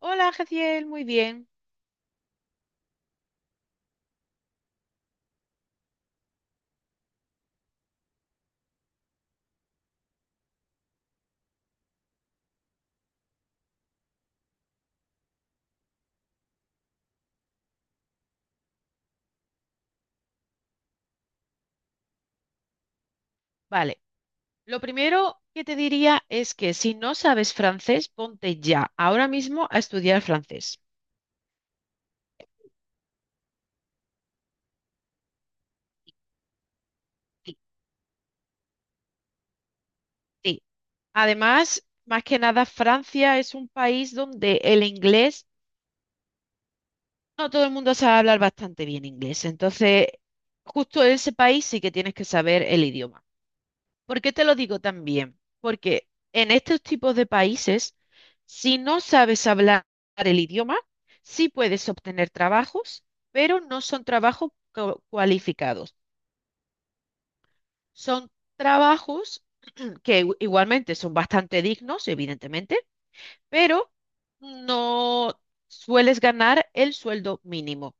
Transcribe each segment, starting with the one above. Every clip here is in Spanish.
Hola, Jaciel, muy bien. Vale, lo primero que te diría es que si no sabes francés, ponte ya, ahora mismo, a estudiar francés. Sí, sí. Además, más que nada, Francia es un país donde el inglés, no todo el mundo sabe hablar bastante bien inglés. Entonces, justo en ese país sí que tienes que saber el idioma. ¿Por qué te lo digo también? Porque en estos tipos de países, si no sabes hablar el idioma, sí puedes obtener trabajos, pero no son trabajos cualificados. Son trabajos que igualmente son bastante dignos, evidentemente, pero no sueles ganar el sueldo mínimo.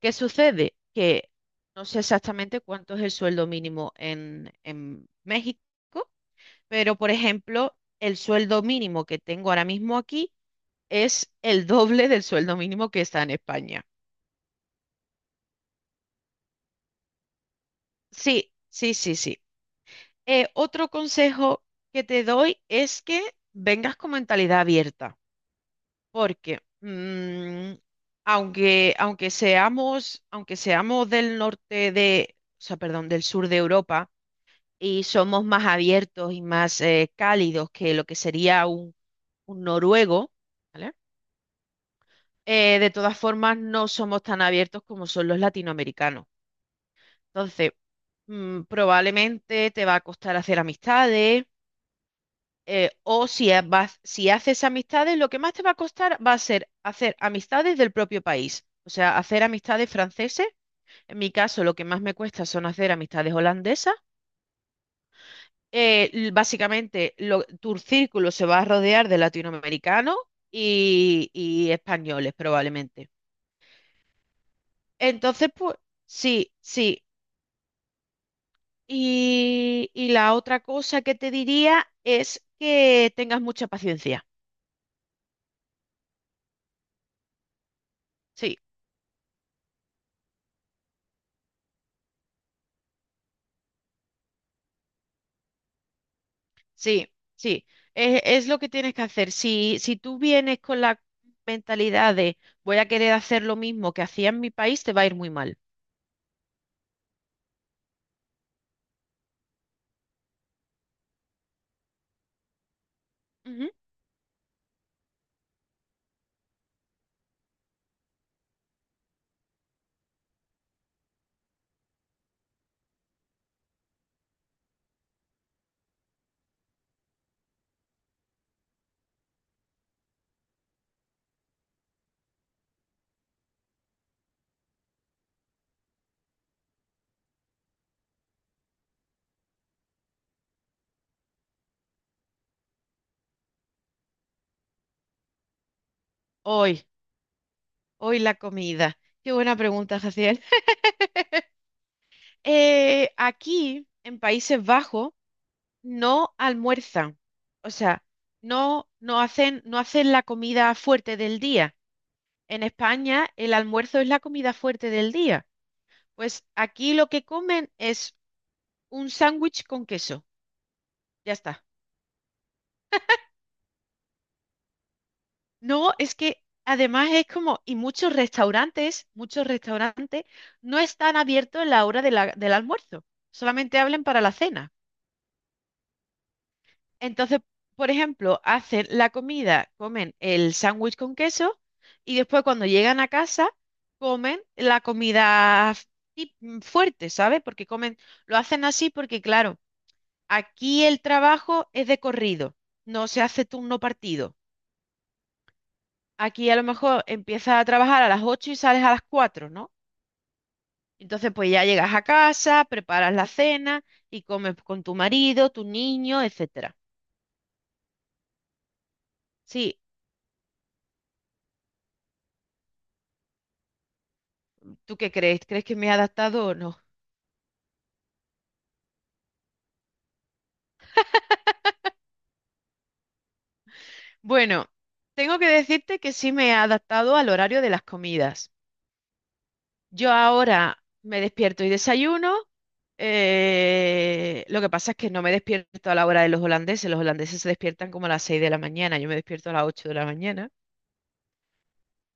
¿Qué sucede? Que no sé exactamente cuánto es el sueldo mínimo en México. Pero, por ejemplo, el sueldo mínimo que tengo ahora mismo aquí es el doble del sueldo mínimo que está en España. Sí, sí, sí, sí. Otro consejo que te doy es que vengas con mentalidad abierta, porque aunque seamos del norte de, o sea, perdón, del sur de Europa y somos más abiertos y más cálidos que lo que sería un noruego, ¿vale? De todas formas, no somos tan abiertos como son los latinoamericanos. Entonces, probablemente te va a costar hacer amistades, o si, ha- vas- si haces amistades, lo que más te va a costar va a ser hacer amistades del propio país. O sea, hacer amistades franceses. En mi caso, lo que más me cuesta son hacer amistades holandesas. Básicamente, tu círculo se va a rodear de latinoamericanos y españoles, probablemente. Entonces, pues... Sí, sí. Y la otra cosa que te diría es que tengas mucha paciencia. Sí, sí, sí. Es lo que tienes que hacer. Si tú vienes con la mentalidad de voy a querer hacer lo mismo que hacía en mi país, te va a ir muy mal. Ujú. Hoy, hoy la comida. Qué buena pregunta, Jaciel. Aquí, en Países Bajos, no almuerzan. O sea, no hacen la comida fuerte del día. En España, el almuerzo es la comida fuerte del día. Pues aquí lo que comen es un sándwich con queso. Ya está. No, es que además es como, y muchos restaurantes no están abiertos en la hora del almuerzo. Solamente hablan para la cena. Entonces, por ejemplo, hacen la comida, comen el sándwich con queso y después cuando llegan a casa, comen la comida fuerte, ¿sabes? Porque comen... Lo hacen así porque, claro, aquí el trabajo es de corrido, no se hace turno partido. Aquí a lo mejor empiezas a trabajar a las 8 y sales a las 4, ¿no? Entonces pues ya llegas a casa, preparas la cena y comes con tu marido, tu niño, etcétera. Sí, ¿tú qué crees? ¿Crees que me he adaptado o no? Bueno, tengo que decirte que sí me he adaptado al horario de las comidas. Yo ahora me despierto y desayuno. Lo que pasa es que no me despierto a la hora de los holandeses. Los holandeses se despiertan como a las 6 de la mañana. Yo me despierto a las 8 de la mañana.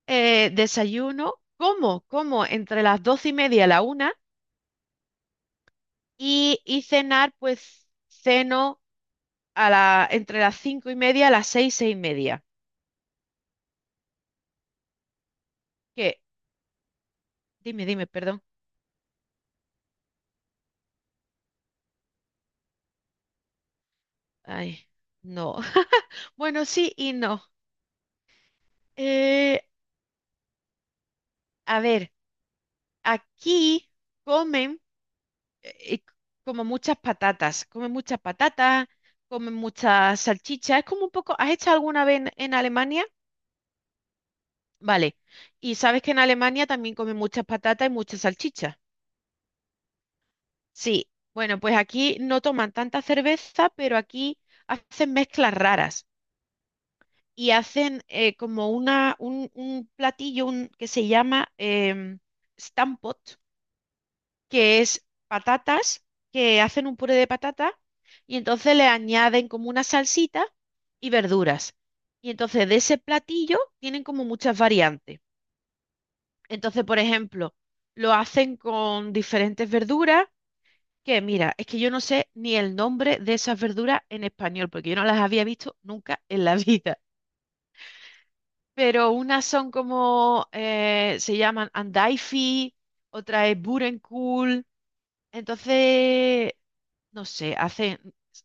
Desayuno, como, como entre las 12:30 a la 1 y cenar, pues ceno entre las 5:30 a las seis y media. Qué dime, dime, perdón. Ay, no. Bueno, sí y no. Eh, a ver, aquí comen. eh, Como muchas patatas, come muchas patatas, come muchas salchichas. Es como un poco, ¿has hecho alguna vez en Alemania? Vale. Y sabes que en Alemania también comen muchas patatas y muchas salchichas. Sí. Bueno, pues aquí no toman tanta cerveza, pero aquí hacen mezclas raras y hacen como un platillo que se llama que es patatas, que hacen un puré de patata y entonces le añaden como una salsita y verduras. Y entonces de ese platillo tienen como muchas variantes. Entonces, por ejemplo, lo hacen con diferentes verduras, que mira, es que yo no sé ni el nombre de esas verduras en español, porque yo no las había visto nunca en la vida. Pero unas son como, se llaman andaifi, otra es burenkul. Entonces, no sé, hacen,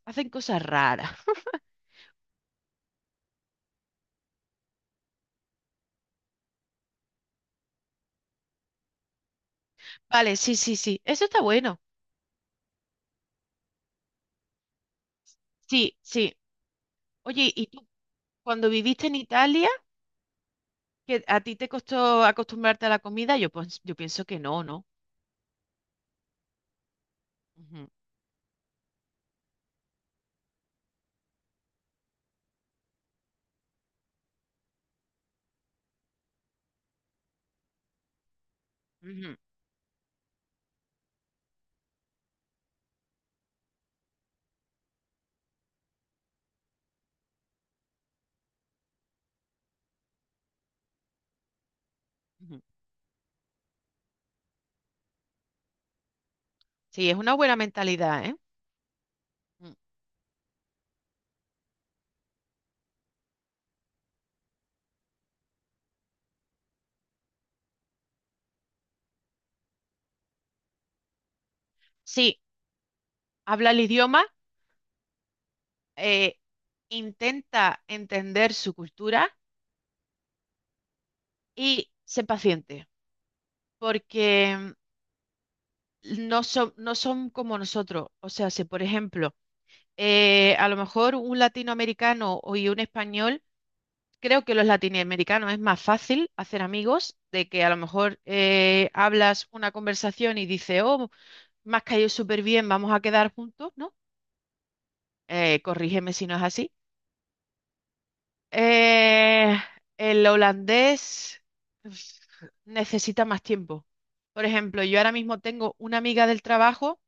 hacen cosas raras. Vale, sí, sí, sí. Eso está bueno. Sí, sí. Oye, ¿y tú cuando viviste en Italia, que a ti te costó acostumbrarte a la comida? Yo, pues, yo pienso que no, ¿no? Ujú, ujú, ujú. Sí, es una buena mentalidad, ¿eh? Mm. Sí, habla el idioma, eh, intenta entender su cultura y sé paciente, porque no son, no son como nosotros. O sea, si por ejemplo, a lo mejor un latinoamericano y un español, creo que los latinoamericanos es más fácil hacer amigos, de que a lo mejor hablas una conversación y dices, oh, me has caído súper bien, vamos a quedar juntos, ¿no? Corrígeme si no es así. Eh, el holandés uf, necesita más tiempo. Por ejemplo, yo ahora mismo tengo una amiga del trabajo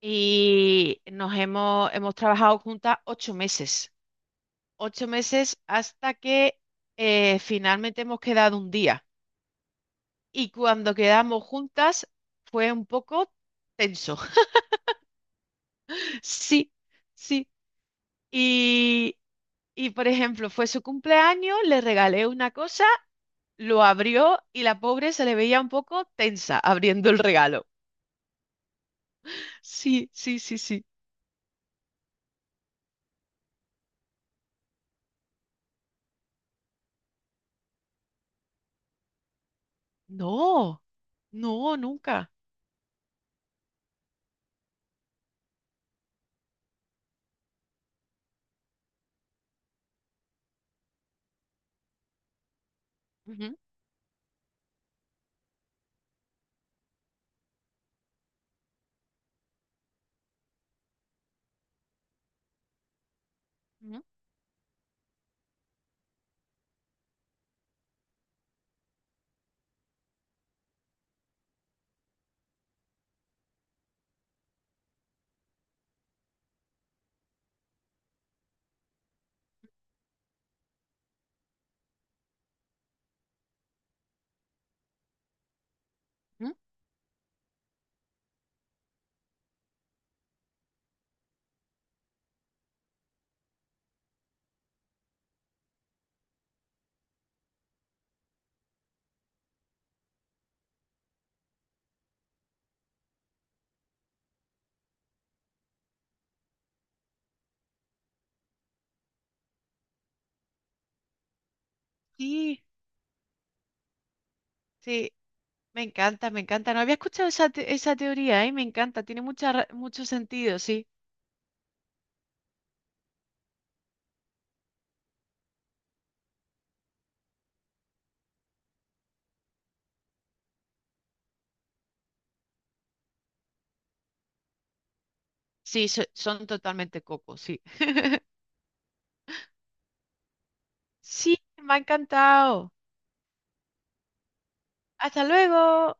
y hemos trabajado juntas 8 meses, 8 meses hasta que finalmente hemos quedado un día. Y cuando quedamos juntas fue un poco tenso. Sí, sí. Y, y por ejemplo, fue su cumpleaños, le regalé una cosa, lo abrió y la pobre se le veía un poco tensa abriendo el regalo. Sí, sí, sí, sí. No, no, nunca. Ujú, ujú, ujú. Sí, sí. Me encanta, me encanta. No había escuchado esa, esa teoría, ¿eh? Me encanta, tiene mucha, mucho sentido, sí. Sí, son totalmente cocos, sí. Sí, me ha encantado. Hasta luego.